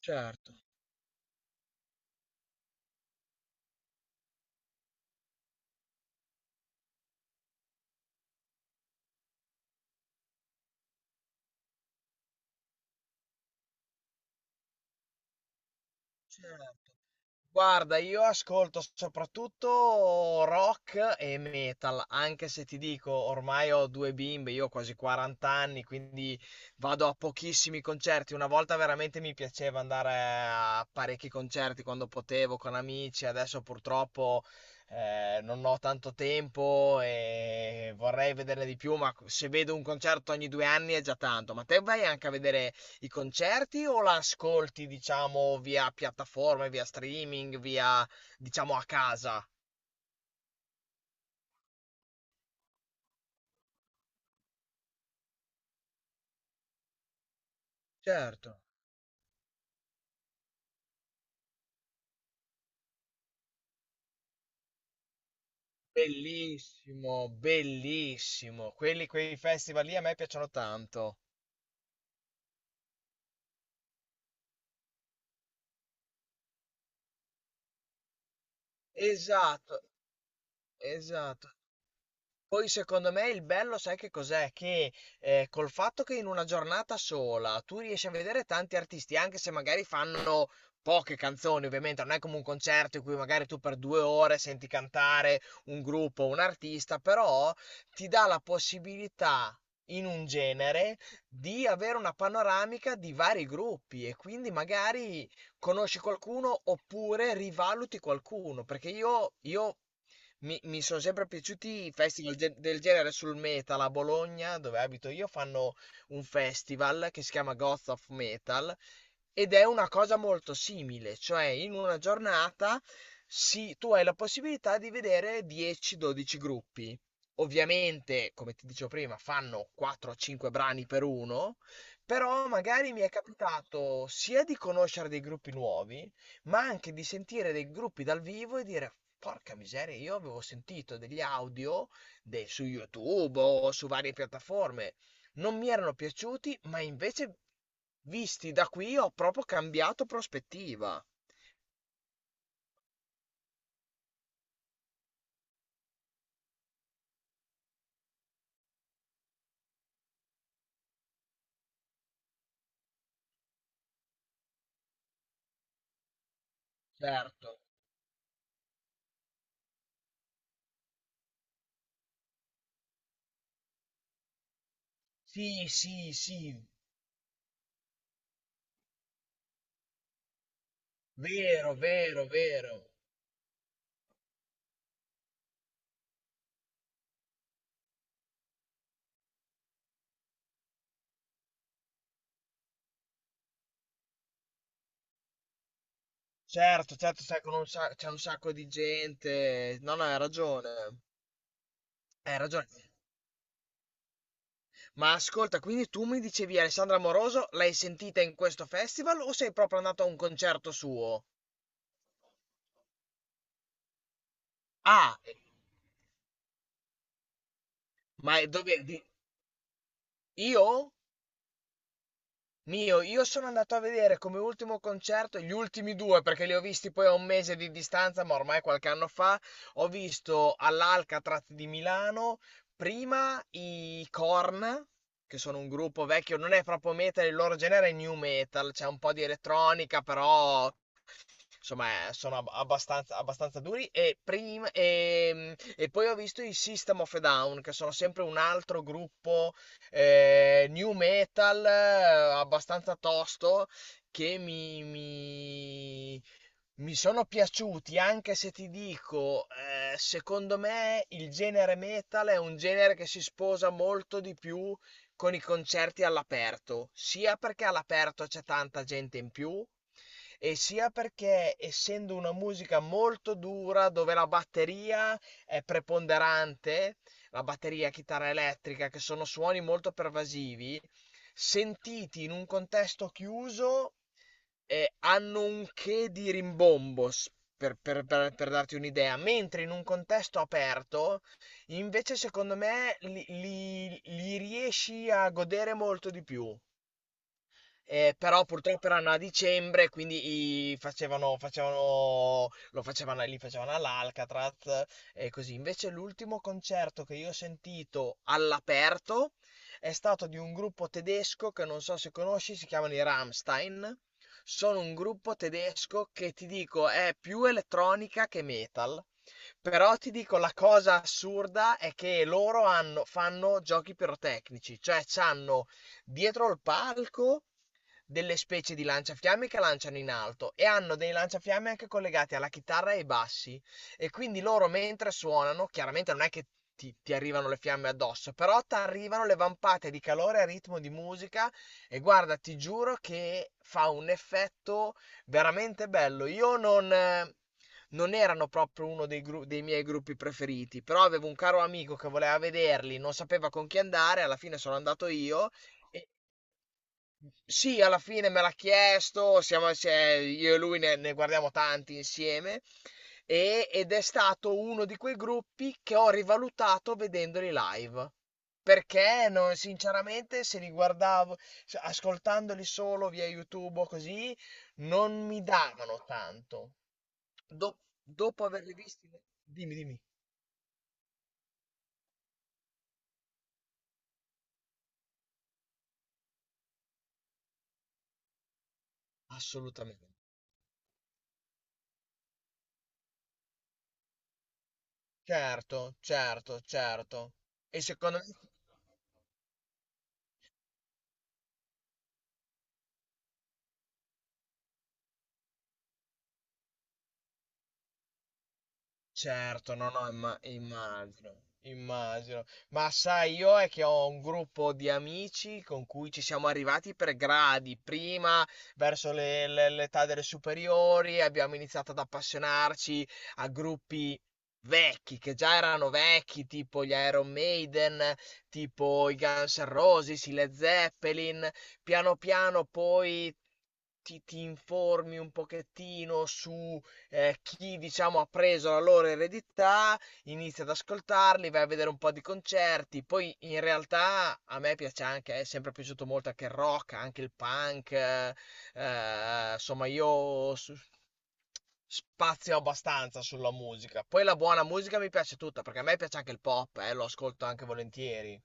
Certo, certo. Guarda, io ascolto soprattutto rock e metal, anche se ti dico, ormai ho due bimbe, io ho quasi 40 anni, quindi vado a pochissimi concerti. Una volta veramente mi piaceva andare a parecchi concerti quando potevo con amici, adesso purtroppo non ho tanto tempo e vorrei vederne di più, ma se vedo un concerto ogni due anni è già tanto. Ma te vai anche a vedere i concerti o la ascolti, diciamo, via piattaforme, via streaming, via, diciamo, a casa? Certo. Bellissimo, bellissimo. Quelli, quei festival lì a me piacciono tanto. Esatto, esatto. Poi secondo me il bello sai che cos'è? Che col fatto che in una giornata sola tu riesci a vedere tanti artisti, anche se magari fanno poche canzoni, ovviamente non è come un concerto in cui magari tu per due ore senti cantare un gruppo, un artista, però ti dà la possibilità in un genere di avere una panoramica di vari gruppi e quindi magari conosci qualcuno oppure rivaluti qualcuno, perché io mi sono sempre piaciuti i festival del genere sul metal a Bologna, dove abito io, fanno un festival che si chiama Gods of Metal ed è una cosa molto simile, cioè in una giornata tu hai la possibilità di vedere 10-12 gruppi. Ovviamente, come ti dicevo prima, fanno 4-5 brani per uno, però magari mi è capitato sia di conoscere dei gruppi nuovi, ma anche di sentire dei gruppi dal vivo e dire porca miseria, io avevo sentito degli audio su YouTube o su varie piattaforme, non mi erano piaciuti, ma invece visti da qui ho proprio cambiato prospettiva. Certo, sì, sì, sì, vero, vero, vero. Certo, certo, sai, con un c'è un sacco di gente. No, no, hai ragione. Hai ragione. Ma ascolta, quindi tu mi dicevi Alessandra Moroso, l'hai sentita in questo festival o sei proprio andato a un concerto suo? Ah, ma è dove? Io? Io sono andato a vedere come ultimo concerto, gli ultimi due, perché li ho visti poi a un mese di distanza, ma ormai qualche anno fa, ho visto all'Alcatraz di Milano prima i Korn, che sono un gruppo vecchio, non è proprio metal, il loro genere è new metal, c'è un po' di elettronica, però insomma, sono abbastanza, abbastanza duri. E, prima, e poi ho visto i System of a Down, che sono sempre un altro gruppo new metal abbastanza tosto che mi sono piaciuti, anche se ti dico, secondo me il genere metal è un genere che si sposa molto di più con i concerti all'aperto, sia perché all'aperto c'è tanta gente in più, e sia perché essendo una musica molto dura dove la batteria è preponderante, la batteria, chitarra elettrica, che sono suoni molto pervasivi, sentiti in un contesto chiuso hanno un che di rimbombo, per darti un'idea, mentre in un contesto aperto, invece secondo me li riesci a godere molto di più. Però purtroppo erano a dicembre, quindi li facevano all'Alcatraz e così. Invece l'ultimo concerto che io ho sentito all'aperto è stato di un gruppo tedesco che non so se conosci, si chiamano i Rammstein. Sono un gruppo tedesco che ti dico è più elettronica che metal. Però ti dico la cosa assurda è che fanno giochi pirotecnici, cioè c'hanno dietro il palco delle specie di lanciafiamme che lanciano in alto e hanno dei lanciafiamme anche collegati alla chitarra e ai bassi e quindi loro mentre suonano, chiaramente non è che ti arrivano le fiamme addosso, però ti arrivano le vampate di calore a ritmo di musica e guarda, ti giuro che fa un effetto veramente bello. Io non... non erano proprio uno dei, dei miei gruppi preferiti, però avevo un caro amico che voleva vederli, non sapeva con chi andare, alla fine sono andato io e, sì, alla fine me l'ha chiesto, siamo, cioè, io e lui ne guardiamo tanti insieme ed è stato uno di quei gruppi che ho rivalutato vedendoli live. Perché sinceramente se li guardavo, ascoltandoli solo via YouTube o così, non mi davano tanto. Do- dopo averli visti, dimmi, dimmi. Assolutamente. Certo, certo, certo. E secondo me certo, no, no, immagino, immagino. Ma sai, io è che ho un gruppo di amici con cui ci siamo arrivati per gradi. Prima, verso l'età delle superiori, abbiamo iniziato ad appassionarci a gruppi vecchi, che già erano vecchi, tipo gli Iron Maiden, tipo i Guns N' Roses, i Led Zeppelin. Piano piano poi ti informi un pochettino su chi diciamo ha preso la loro eredità inizia ad ascoltarli, vai a vedere un po' di concerti, poi in realtà a me piace anche, è sempre piaciuto molto anche il rock, anche il punk, insomma spazio abbastanza sulla musica. Poi la buona musica mi piace tutta, perché a me piace anche il pop, lo ascolto anche volentieri.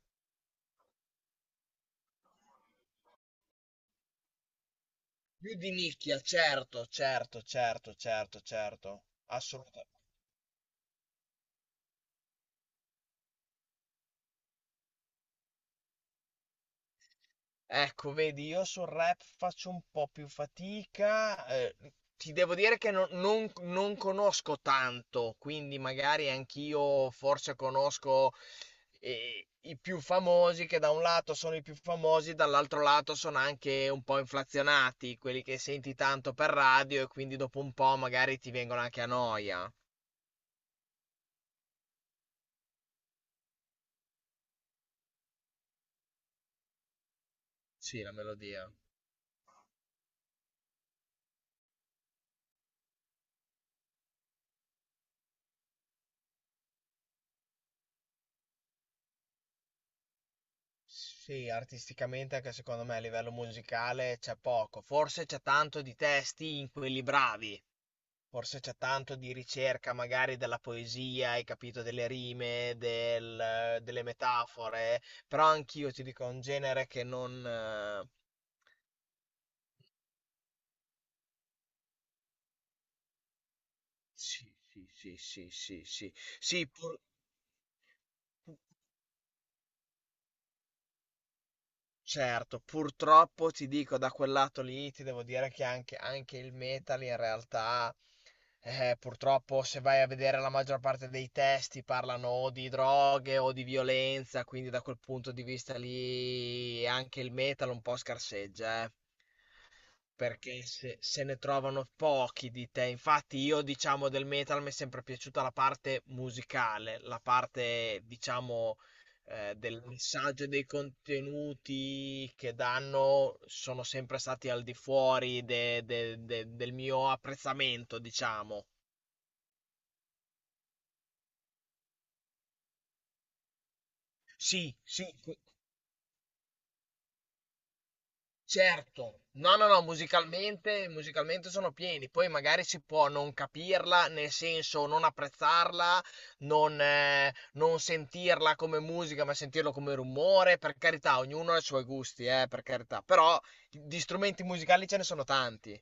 Più di nicchia, certo, certo, certo, certo, certo, assolutamente. Ecco, vedi, io sul rap faccio un po' più fatica. Ti devo dire che non conosco tanto, quindi magari anch'io forse conosco i più famosi, che da un lato sono i più famosi, dall'altro lato sono anche un po' inflazionati, quelli che senti tanto per radio e quindi dopo un po' magari ti vengono anche a noia. Sì, la melodia. Sì, artisticamente anche secondo me a livello musicale c'è poco, forse c'è tanto di testi in quelli bravi, forse c'è tanto di ricerca magari della poesia, hai capito, delle rime, delle metafore, però anch'io ti dico è un genere che non... sì, sì, sì, sì, sì, sì, sì, certo, purtroppo ti dico da quel lato lì, ti devo dire che anche il metal in realtà, purtroppo se vai a vedere la maggior parte dei testi parlano o di droghe o di violenza, quindi da quel punto di vista lì anche il metal un po' scarseggia, perché se ne trovano pochi di te. Infatti, io diciamo del metal mi è sempre piaciuta la parte musicale, la parte diciamo del messaggio e dei contenuti che danno sono sempre stati al di fuori del mio apprezzamento, diciamo. Sì, sì, certo, no, no, no, musicalmente, musicalmente sono pieni, poi magari si può non capirla, nel senso non apprezzarla, non sentirla come musica, ma sentirlo come rumore, per carità, ognuno ha i suoi gusti, per carità, però di strumenti musicali ce ne sono tanti,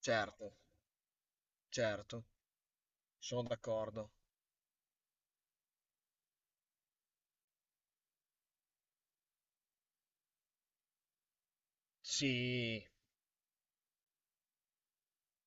certo, certo, sono d'accordo. Sì.